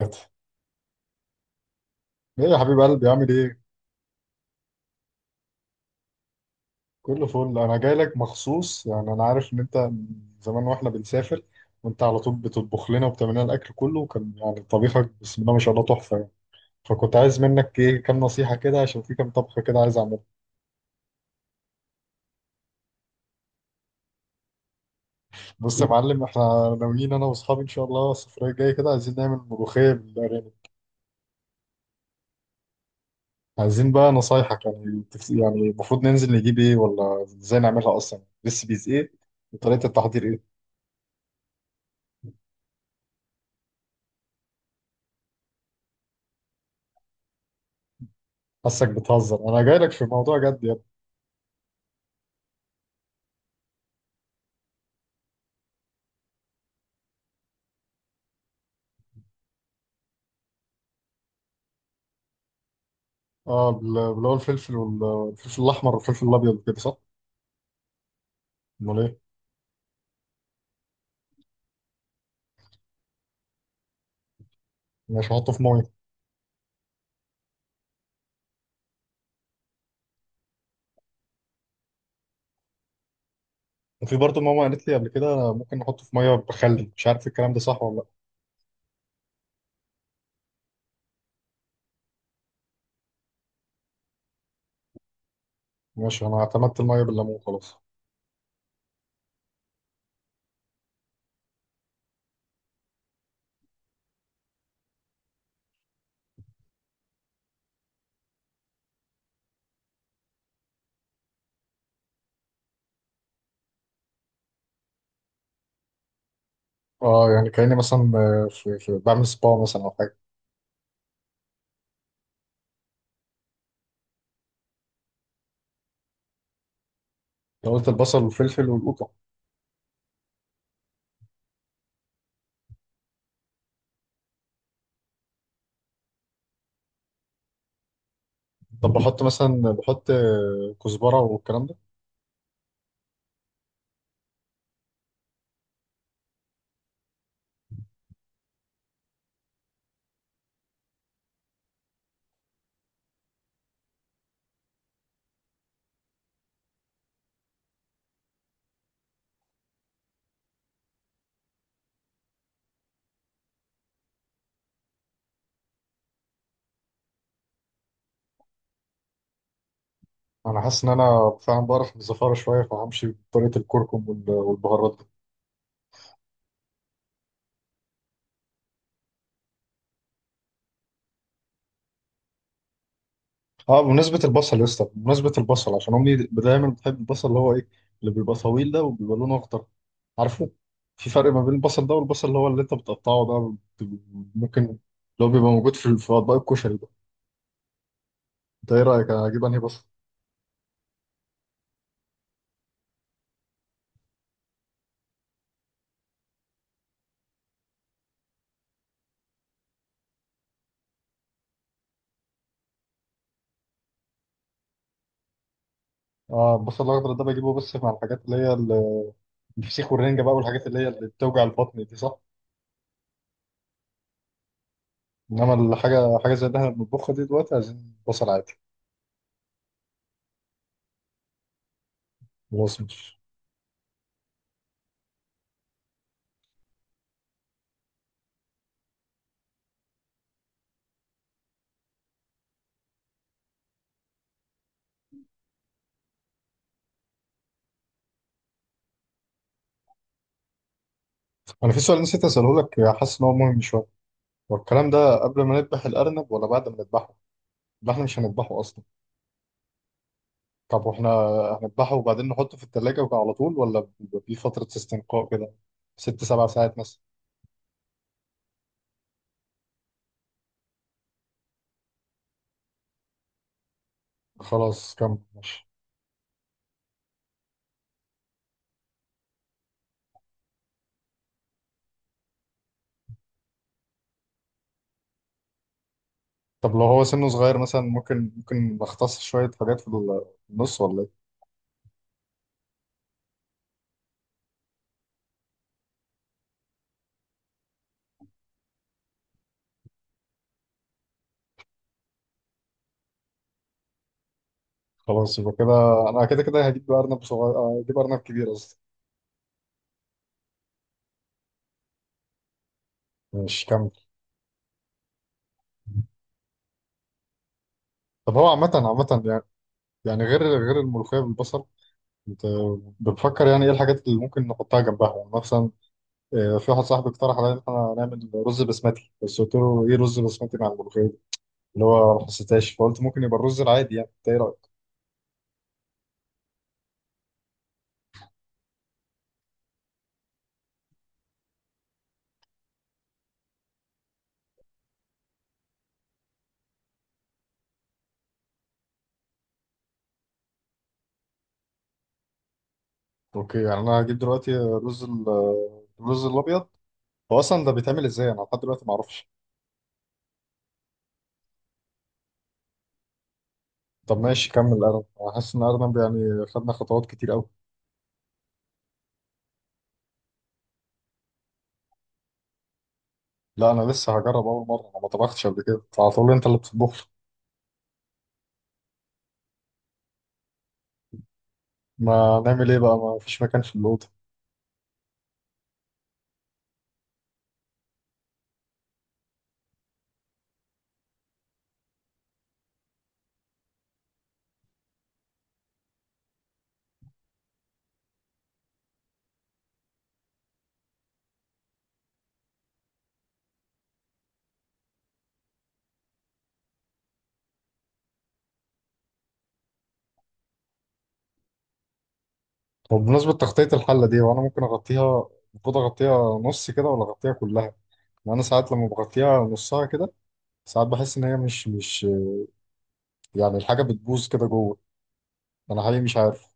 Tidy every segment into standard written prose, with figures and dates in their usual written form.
ايه؟ يا حبيب قلبي، عامل ايه؟ كله فل. انا جاي لك مخصوص، يعني انا عارف ان انت من زمان، واحنا بنسافر وانت على طول بتطبخ لنا وبتعمل لنا الاكل كله، وكان يعني طبيخك بسم الله ما شاء الله تحفه يعني. فكنت عايز منك ايه، كام نصيحه كده، عشان في كام طبخه كده عايز اعملها. بص يا معلم، احنا ناويين انا واصحابي ان شاء الله السفريه الجايه كده، عايزين نعمل ملوخيه بالارانب. عايزين بقى نصايحك، يعني يعني المفروض ننزل نجيب ايه، ولا ازاي نعملها اصلا، ريسبيز ايه وطريقه التحضير ايه؟ حاسك بتهزر، انا جاي لك في موضوع جد. اه اللي هو الفلفل والفلفل الاحمر والفلفل الابيض، كده صح؟ امال ايه؟ مش هحطه في ميه. وفي برضه ماما قالت لي قبل كده ممكن نحطه في ميه بخل، مش عارف الكلام ده صح ولا لا. ماشي، انا اعتمدت الميه بالليمون خلاص. اه يعني كاني مثلا، في بعمل سبا مثلا او حاجه. لو قلت البصل والفلفل والقوطه. طب بحط مثلا بحط كزبره والكلام ده. انا حاسس ان انا فعلا بقرف من الزفاره شويه، فهمشي بطريقه الكركم والبهارات. اه بمناسبة البصل يا اسطى، بمناسبة البصل عشان امي دايما بتحب البصل اللي هو ايه، اللي بيبقى طويل ده وبيبقى لونه اخضر، عارفه؟ في فرق ما بين البصل ده والبصل اللي هو اللي انت بتقطعه ده؟ بت- ممكن اللي هو بيبقى موجود في اطباق الكشري ده. انت ايه رايك، اجيب انهي بصل؟ اه البصل الاخضر ده بجيبه بس مع الحاجات اللي هي الفسيخ والرنجة بقى، والحاجات اللي هي اللي بتوجع البطن دي، صح؟ انما الحاجة حاجة زي اللي احنا بنطبخها دي دلوقتي، عايزين بصل عادي. خلاص ماشي. انا في سؤال نسيت اساله لك، حاسس ان هو مهم شوية. والكلام ده قبل ما نذبح الأرنب ولا بعد ما نذبحه؟ ده احنا مش هنذبحه أصلا. طب واحنا هنذبحه وبعدين نحطه في التلاجة على طول، ولا بيبقى في فترة استنقاء كده ست سبع ساعات مثلا؟ خلاص كمل ماشي. طب لو هو سنه صغير مثلا، ممكن نختص شوية حاجات في النص ولا ايه؟ خلاص يبقى كده، أنا كده كده هجيب أرنب صغير، هجيب أرنب كبير قصدي. ماشي كمل. طب هو عامة عامة يعني، يعني غير الملوخية بالبصل، انت بتفكر يعني ايه الحاجات اللي ممكن نحطها جنبها يعني؟ مثلا في واحد صاحبي اقترح عليا ان احنا نعمل رز بسمتي، بس قلت له ايه، رز بسمتي مع الملوخيه اللي هو ما حسيتهاش، فقلت ممكن يبقى الرز العادي، يعني انت ايه رايك؟ اوكي، يعني انا هجيب دلوقتي الرز الرز الابيض. هو اصلا ده بيتعمل ازاي؟ انا لحد دلوقتي ما اعرفش. طب ماشي كمل ارنب، انا حاسس ان ارنب يعني خدنا خطوات كتير قوي. لا انا لسه هجرب اول مره، انا ما طبختش قبل كده، على طول انت اللي بتطبخ لي. ما نعمل ايه بقى، ما فيش مكان في الاوضه. طب بمناسبه تغطيه الحله دي، وانا ممكن اغطيها، المفروض اغطيها نص كده ولا اغطيها كلها؟ وانا ساعات لما بغطيها نصها كده، ساعات بحس ان هي مش يعني الحاجه بتبوظ كده جوه، انا حقيقي مش عارف.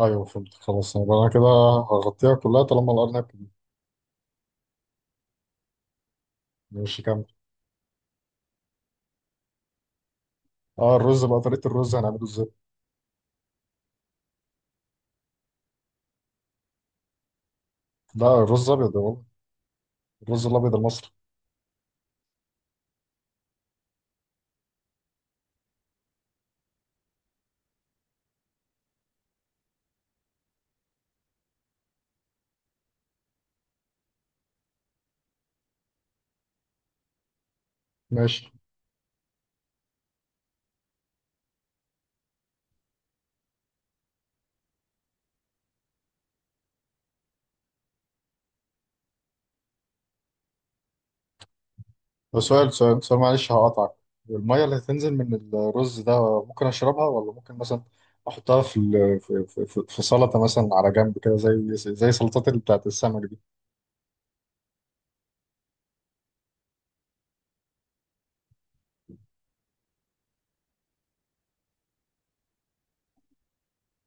ايوه فهمت خلاص، يبقى انا كده هغطيها كلها طالما الارنب مش كامل. اه الرز بقى، طريقه الرز هنعمله ازاي؟ لا الرز ابيض يا بابا، الرز الابيض المصري. ماشي، بس سؤال سؤال سؤال معلش هقطعك. الميه اللي هتنزل من الرز ده ممكن اشربها، ولا ممكن مثلا احطها في سلطه مثلا على جنب كده، زي سلطات اللي بتاعت السمك دي؟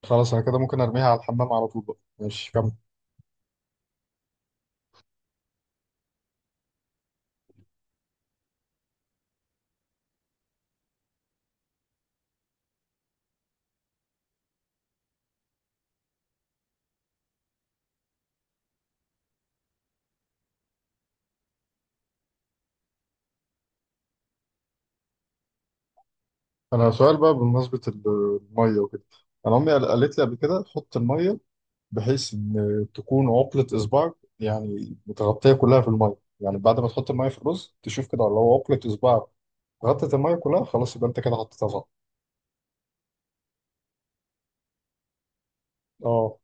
خلاص انا كده ممكن ارميها على الحمام على طول بقى. ماشي كمل. انا سؤال بقى بمناسبة المية وكده. انا امي قالت لي قبل كده، حط المية بحيث ان تكون عقلة اصبعك، يعني متغطية كلها في المية. يعني بعد ما تحط المية في الرز تشوف كده لو عقلة اصبعك غطت المية كلها، خلاص يبقى انت كده حطيتها صح. اه.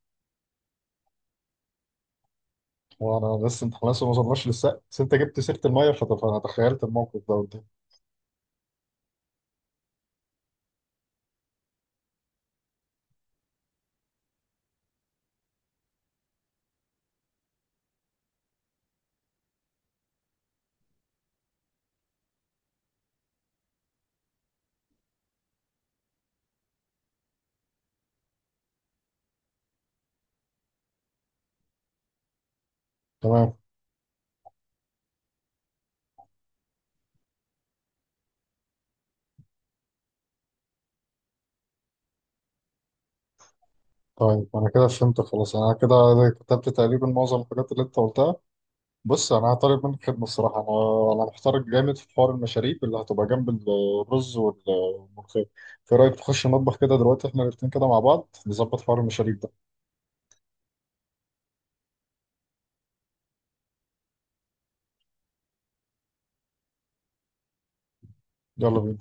وانا لسه، انت خلاص ما وصلناش للسقف بس انت جبت سيرة المية فانا تخيلت الموقف ده قدامي. تمام. طيب انا كده فهمت خلاص، انا كده كتبت تقريبا معظم الحاجات اللي انت قلتها. بص انا هطالب منك خدمه، الصراحه انا محتار جامد في حوار المشاريب اللي هتبقى جنب الرز والملوخيه. في رايك تخش المطبخ كده دلوقتي احنا الاتنين كده مع بعض نظبط حوار المشاريب ده؟ يلا بينا.